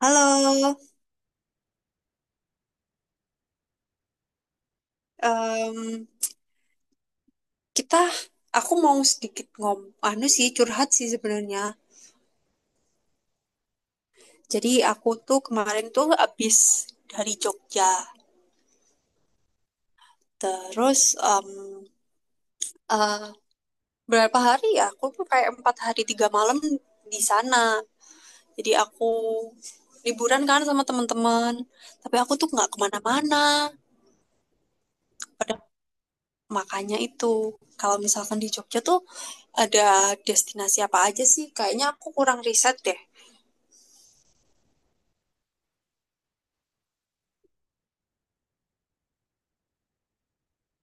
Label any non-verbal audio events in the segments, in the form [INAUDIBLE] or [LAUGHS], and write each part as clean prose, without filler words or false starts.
Halo, em, kita, aku mau sedikit anu sih curhat sih sebenarnya. Jadi aku tuh kemarin tuh abis dari Jogja, terus em, eh, berapa hari ya? Aku tuh kayak 4 hari 3 malam di sana. Jadi aku liburan kan sama teman-teman, tapi aku tuh nggak kemana-mana. Pada makanya itu, kalau misalkan di Jogja tuh ada destinasi apa aja sih? Kayaknya aku kurang riset deh.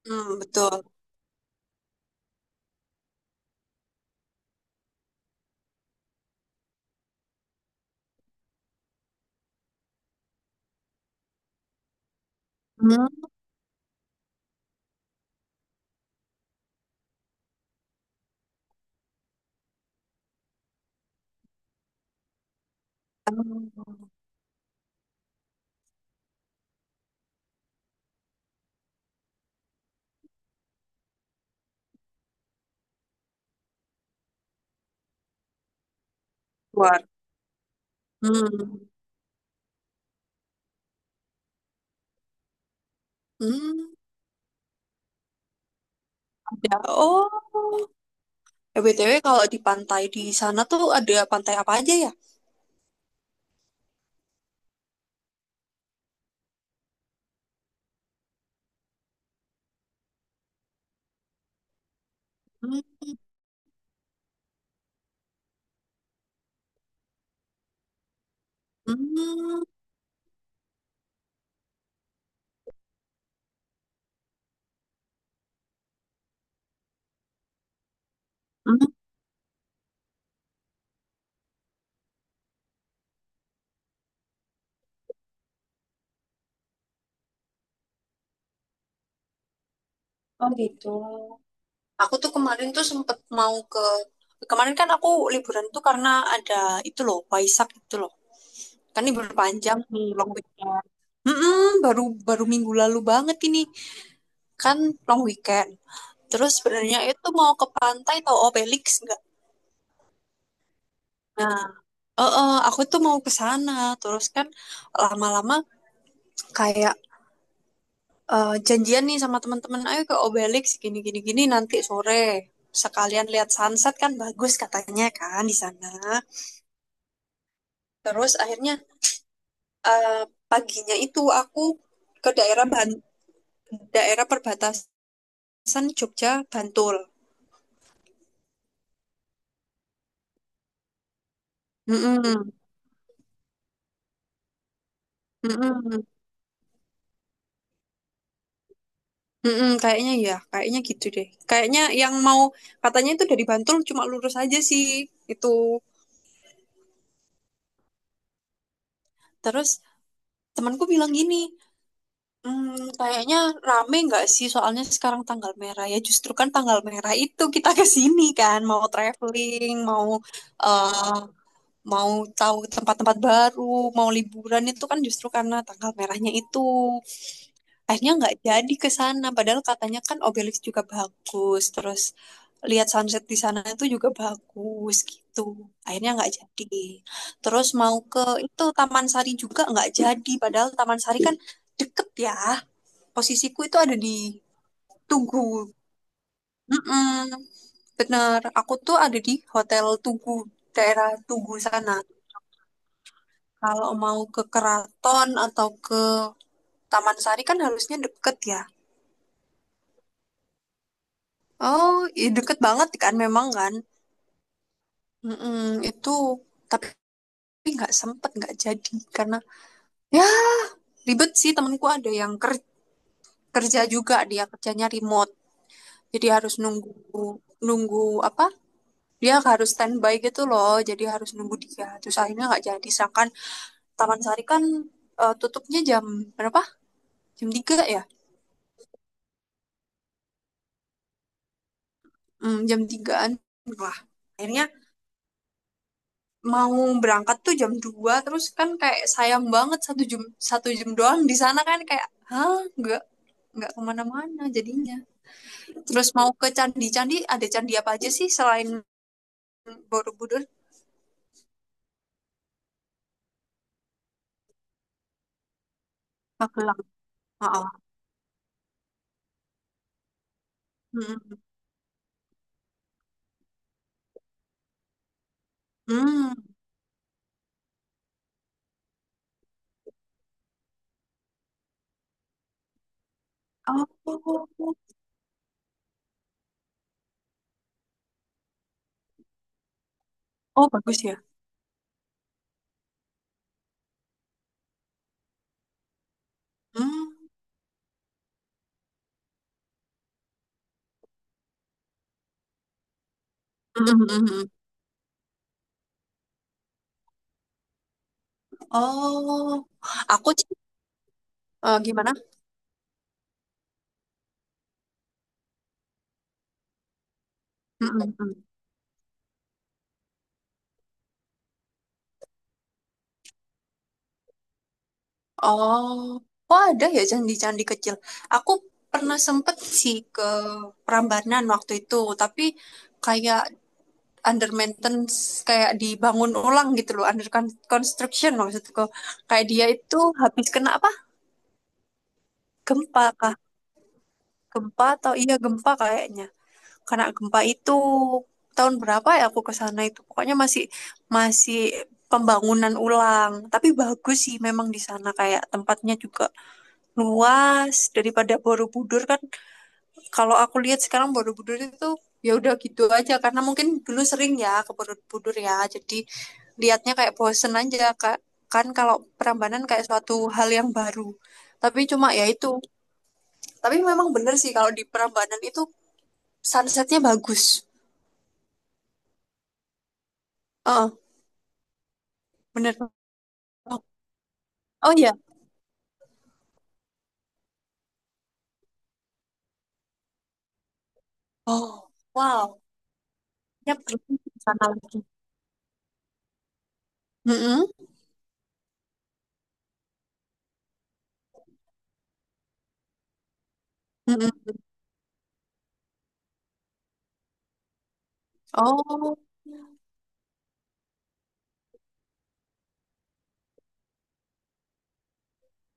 Hmm, betul. 음, 아, luar. Hmm, hmm, ya. Oh, Eh, BTW kalau di pantai di sana tuh ada pantai apa aja ya? Hmm, hmm, hmm. Oh gitu. Aku tuh kemarin tuh sempet mau kemarin kan aku liburan tuh karena ada itu loh Waisak itu loh. Kan libur panjang nih long weekend. Hmm, baru baru minggu lalu banget ini kan long weekend. Terus sebenarnya itu mau ke pantai tau Obelix. Nah, aku tuh mau ke sana, terus kan lama-lama kayak janjian nih sama teman-teman, ayo ke Obelix gini gini gini nanti sore sekalian lihat sunset kan bagus katanya kan di sana. Terus akhirnya eh, paginya itu aku ke daerah daerah perbatasan Jogja Bantul. Mm-mm, mm-mm, mm-mm, kayaknya ya, kayaknya gitu deh. Kayaknya yang mau katanya itu dari Bantul cuma lurus aja sih itu. Terus temanku bilang gini, "Hmm, kayaknya rame nggak sih soalnya sekarang tanggal merah ya justru kan tanggal merah itu kita ke sini kan mau traveling mau eh, mau tahu tempat-tempat baru mau liburan itu kan justru karena tanggal merahnya itu akhirnya nggak jadi ke sana padahal katanya kan Obelix juga bagus terus lihat sunset di sana itu juga bagus gitu. Akhirnya nggak jadi terus mau ke itu Taman Sari juga nggak jadi padahal Taman Sari kan deket ya, posisiku itu ada di Tugu. Mm-mm, bener aku tuh ada di Hotel Tugu daerah Tugu sana, kalau mau ke Keraton atau ke Taman Sari kan harusnya deket ya. Oh, iya deket banget kan memang kan. Mm-mm, itu tapi nggak sempet nggak jadi karena ya ribet sih temenku ada yang kerja juga dia kerjanya remote jadi harus nunggu nunggu apa dia harus standby gitu loh jadi harus nunggu dia terus akhirnya nggak jadi sedangkan Taman Sari kan tutupnya jam berapa jam 3 ya. Hmm, jam tigaan lah akhirnya mau berangkat tuh jam 2 terus kan kayak sayang banget satu jam doang di sana kan kayak hah nggak kemana-mana jadinya. Terus mau ke candi-candi, ada candi apa aja sih selain Borobudur? Magelang. Heeh. Mm, mm. Oh, oh bagus ya. Hmm. Mm, mm, mm, mm. Oh, aku sih, eh, gimana? Mm, mm, mm. Oh, oh ada ya candi-candi kecil. Aku pernah sempet sih ke Prambanan waktu itu, tapi kayak under maintenance, kayak dibangun ulang gitu loh, under construction maksudku. Kayak dia itu habis kena apa? Gempa. Gempa atau iya gempa kayaknya. Karena gempa itu tahun berapa ya aku ke sana itu. Pokoknya masih masih pembangunan ulang. Tapi bagus sih memang di sana kayak tempatnya juga luas daripada Borobudur kan. Kalau aku lihat sekarang Borobudur itu ya udah gitu aja karena mungkin dulu sering ya ke Borobudur ya. Jadi lihatnya kayak bosen aja Kak. Kan kalau Prambanan kayak suatu hal yang baru. Tapi cuma ya itu. Tapi memang bener sih kalau di Prambanan itu sunsetnya bagus. Heeh, bener. Oh, oh iya. Oh, wow. Ya perlu ke sana lagi. Mm-mm, mm-mm. Oh,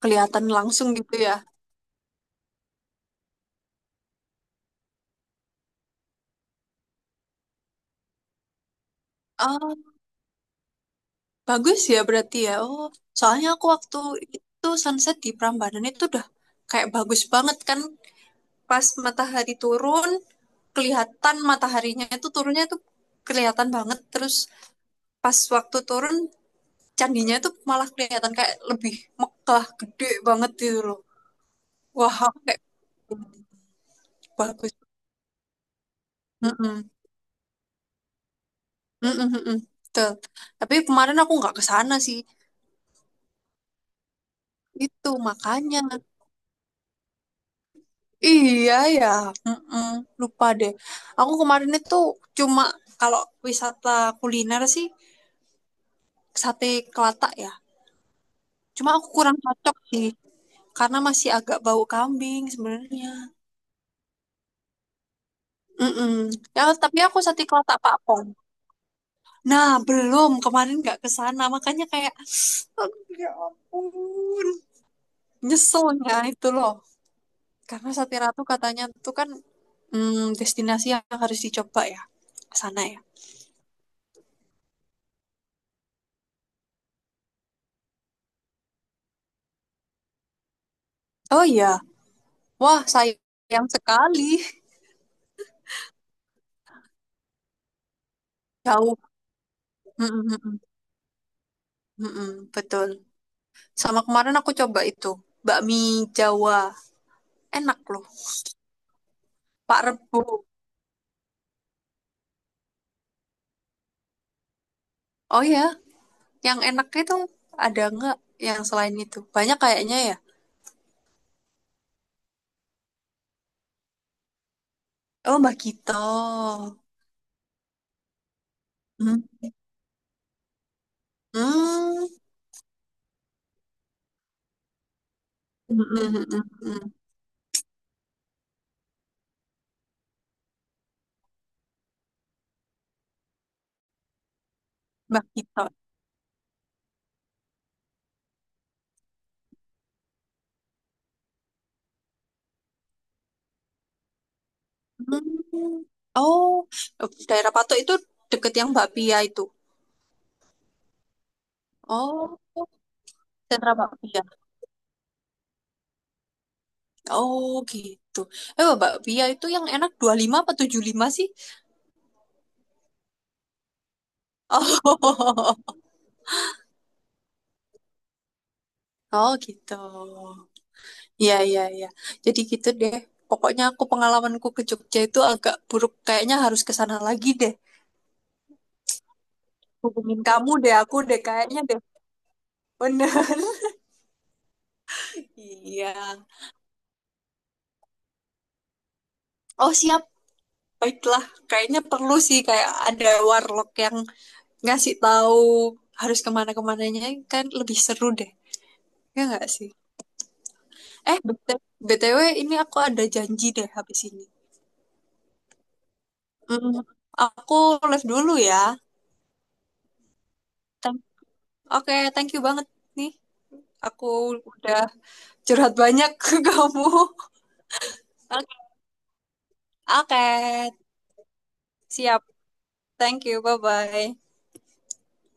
kelihatan langsung gitu ya. Oh, bagus ya berarti ya. Oh, soalnya aku waktu itu sunset di Prambanan itu udah kayak bagus banget kan. Pas matahari turun, kelihatan mataharinya itu turunnya itu kelihatan banget. Terus pas waktu turun, candinya itu malah kelihatan kayak lebih megah, gede banget gitu loh. Wah, aku kayak bagus. Mm-mm. Mm-mm, mm-mm. Betul. Tapi kemarin aku nggak ke sana sih. Itu makanya. Iya ya. Mm-mm. Lupa deh. Aku kemarin itu cuma kalau wisata kuliner sih sate Kelatak ya. Cuma aku kurang cocok sih karena masih agak bau kambing sebenarnya. Mm-mm. Ya, tapi aku sate Kelatak Pak Pon. Nah, belum. Kemarin nggak ke sana. Makanya kayak, [SNIFFS] [SIGHS] aduh, ya ampun. Nyeselnya itu loh. Karena Satira tuh katanya tuh kan destinasi yang harus dicoba ya. Ke sana ya. Oh iya. Wah, sayang sekali. Jauh. Mm, mm, mm, mm, mm, betul. Sama kemarin aku coba itu. Bakmi Jawa. Enak loh. Pak Rebo. Oh ya. Yang enaknya itu ada nggak yang selain itu? Banyak kayaknya ya. Oh, Mbak Gito. Mm, mm, mm, mm, mm, mm. Mbak Gito. Hmm. Oh, daerah Patok itu deket yang Bakpia itu. Oh, sentra Bakpia. Oh, gitu. Eh, Bakpia itu yang enak 25 apa 75 sih? Oh, [LAUGHS] oh gitu. Iya, iya, iya. Jadi gitu deh. Pokoknya aku pengalamanku ke Jogja itu agak buruk. Kayaknya harus ke sana lagi deh. Hubungin kamu deh, aku deh kayaknya deh. Bener. [LAUGHS] Iya. Oh, siap. Baiklah, kayaknya perlu sih kayak ada warlock yang ngasih tahu harus kemana-kemananya kan lebih seru deh. Ya nggak sih? Eh, BTW ini aku ada janji deh habis ini. Mm, aku live dulu ya. Thank- Oke, thank you banget nih. Aku udah curhat banyak [LAUGHS] ke kamu. Oke, oke. Siap. Thank you. Bye-bye.